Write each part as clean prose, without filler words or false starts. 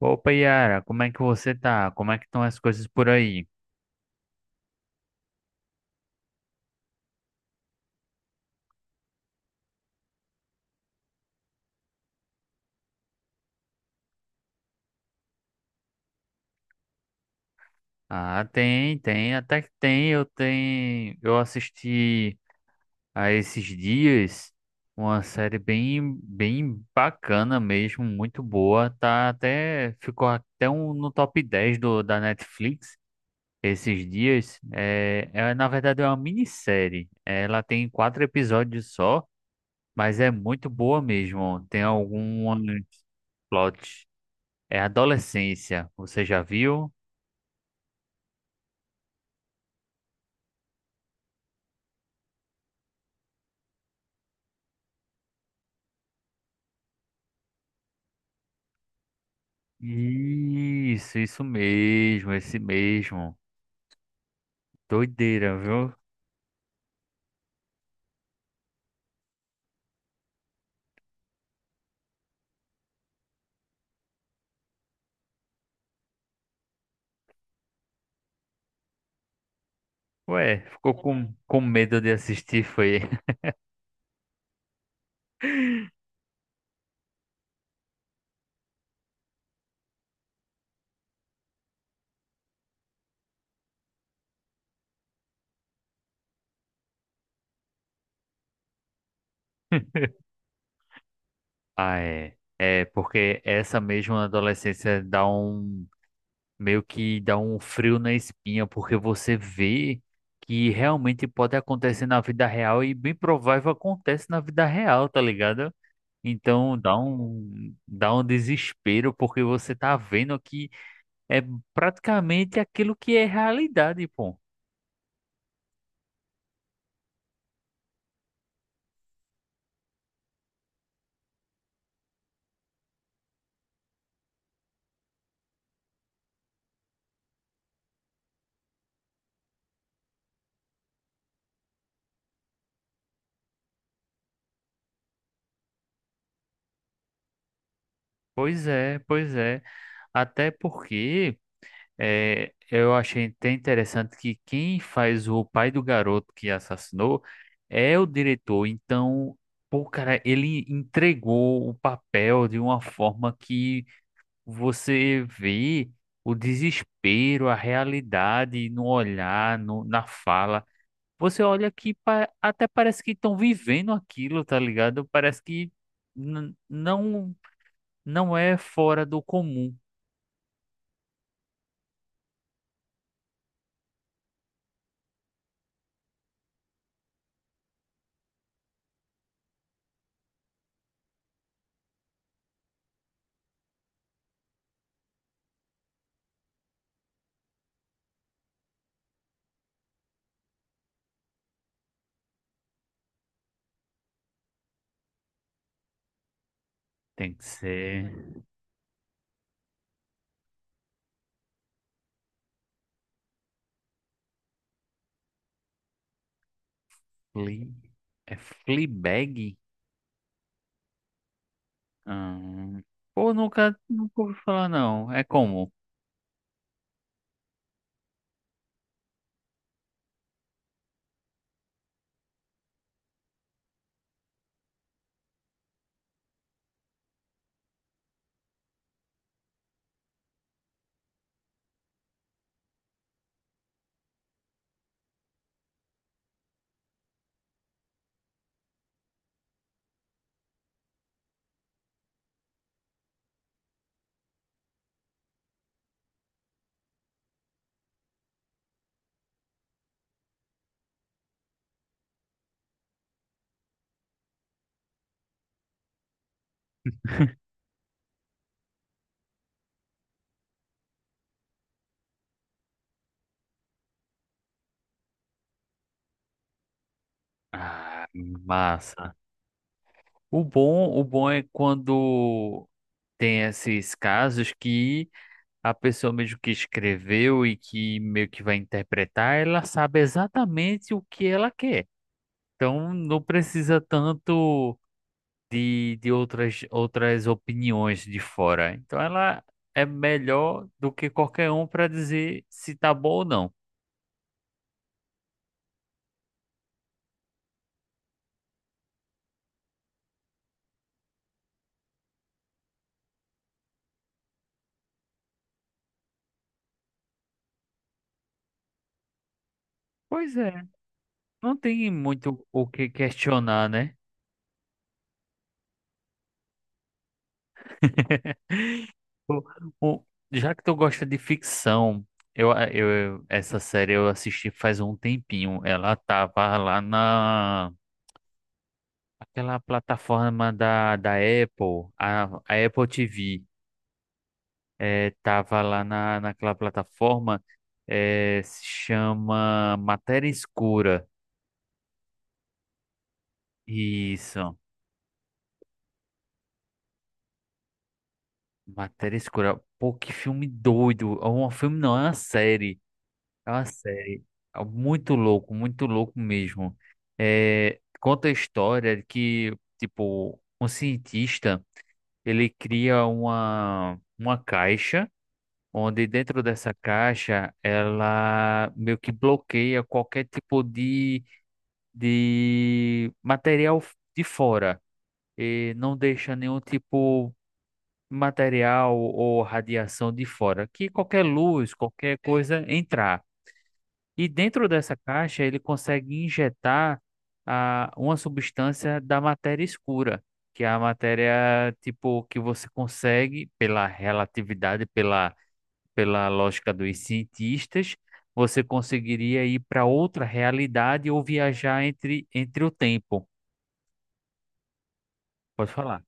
Opa, Yara, como é que você tá? Como é que estão as coisas por aí? Ah, tem, até que tem. Eu assisti a esses dias uma série bem bacana mesmo, muito boa. Tá até ficou até um, no top 10 da Netflix esses dias. Na verdade é uma minissérie. Ela tem quatro episódios só, mas é muito boa mesmo. Tem algumas plot. É adolescência, você já viu? Isso mesmo, esse mesmo. Doideira, viu? Ué, ficou com medo de assistir, foi. Ah, é. É, porque essa mesma adolescência dá um. Meio que dá um frio na espinha, porque você vê que realmente pode acontecer na vida real e bem provável acontece na vida real, tá ligado? Então dá um desespero, porque você tá vendo que. É praticamente aquilo que é realidade, pô. Pois é, pois é. Até porque é, eu achei até interessante que quem faz o pai do garoto que assassinou é o diretor. Então, pô, cara, ele entregou o papel de uma forma que você vê o desespero, a realidade no olhar, no, na fala. Você olha que até parece que estão vivendo aquilo, tá ligado? Parece que n- não não é fora do comum. Tem que ser Fle é Fleabag? Hum. Pô, nunca ouvi falar não. É como? Ah, massa. O bom é quando tem esses casos que a pessoa mesmo que escreveu e que meio que vai interpretar, ela sabe exatamente o que ela quer. Então não precisa tanto de outras opiniões de fora. Então ela é melhor do que qualquer um para dizer se tá bom ou não. Pois é, não tem muito o que questionar, né? O- o- Já que tu gosta de ficção, essa série eu assisti faz um tempinho. Ela tava lá na aquela plataforma da Apple, a Apple TV. Tava lá na, naquela plataforma, se chama Matéria Escura. Isso, Matéria Escura. Pô, que filme doido. É um filme não, é uma série. É uma série. É muito louco mesmo. Conta a história de que, tipo, um cientista, ele cria uma caixa onde dentro dessa caixa ela meio que bloqueia qualquer tipo de material de fora e não deixa nenhum tipo de material ou radiação de fora, que qualquer luz, qualquer coisa entrar. E dentro dessa caixa ele consegue injetar uma substância da matéria escura, que é a matéria tipo que você consegue pela relatividade, pela lógica dos cientistas, você conseguiria ir para outra realidade ou viajar entre o tempo. Pode falar.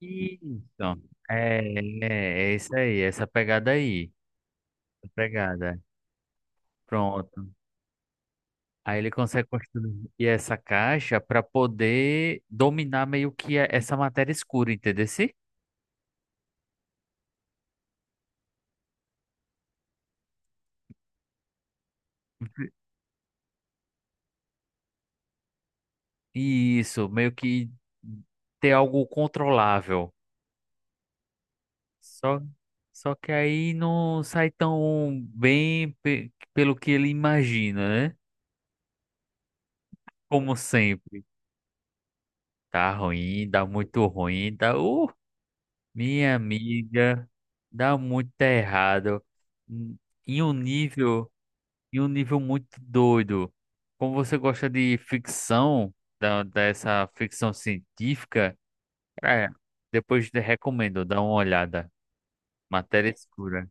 Isso. É, é isso aí, essa pegada aí. Essa pegada. Pronto. Aí ele consegue construir essa caixa para poder dominar meio que essa matéria escura, entendeu? Isso, meio que ter algo controlável. Só, Só que aí não sai tão bem pelo que ele imagina, né? Como sempre. Tá ruim, dá muito ruim, dá. Minha amiga, dá muito errado. Hum, Em um nível, em um nível muito doido. Como você gosta de ficção, dessa ficção científica, é, depois te recomendo, dá uma olhada. Matéria escura,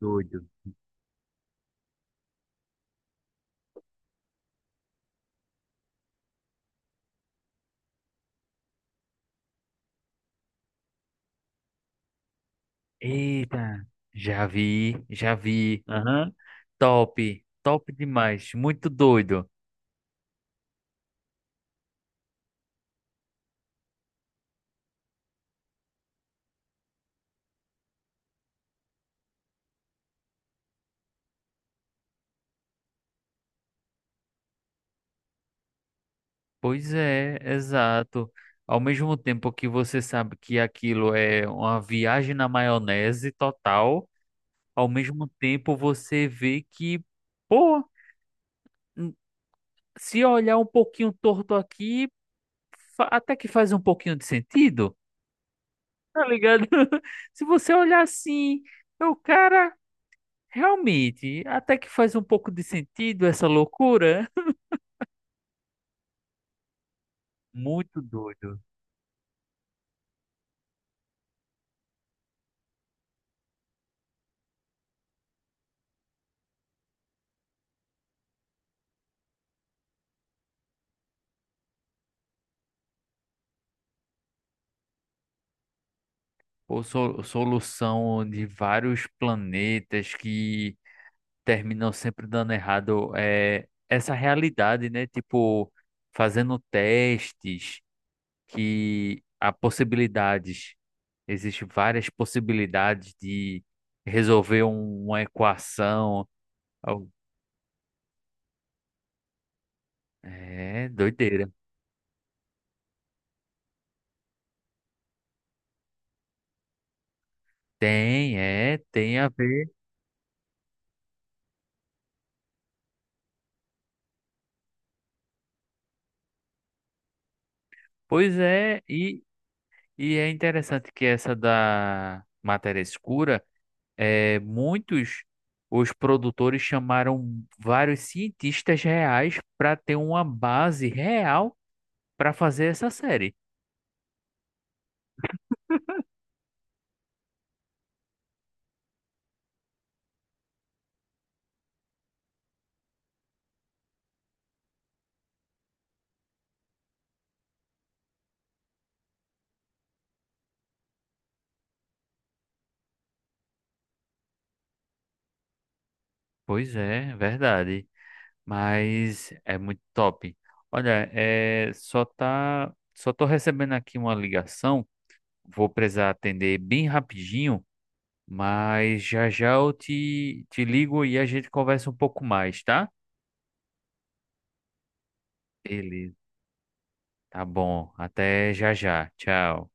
doido. Eita, já vi, já vi. Aham. Top, top demais, muito doido. Pois é, exato. Ao mesmo tempo que você sabe que aquilo é uma viagem na maionese total, ao mesmo tempo você vê que, pô, n- se olhar um pouquinho torto aqui, até que faz um pouquinho de sentido, tá ligado? Se você olhar assim, o cara, realmente, até que faz um pouco de sentido essa loucura. Muito doido. Ou solução de vários planetas que terminam sempre dando errado é essa realidade, né? Tipo, fazendo testes que há possibilidades, existem várias possibilidades de resolver uma equação. Al- É doideira. Tem, é, tem a ver. Pois é, e é interessante que essa da matéria escura. É, muitos os produtores chamaram vários cientistas reais para ter uma base real para fazer essa série. Pois é, verdade. Mas é muito top. Olha, é, só tô recebendo aqui uma ligação. Vou precisar atender bem rapidinho, mas já já eu te ligo e a gente conversa um pouco mais, tá? Beleza, tá bom. Até já já. Tchau.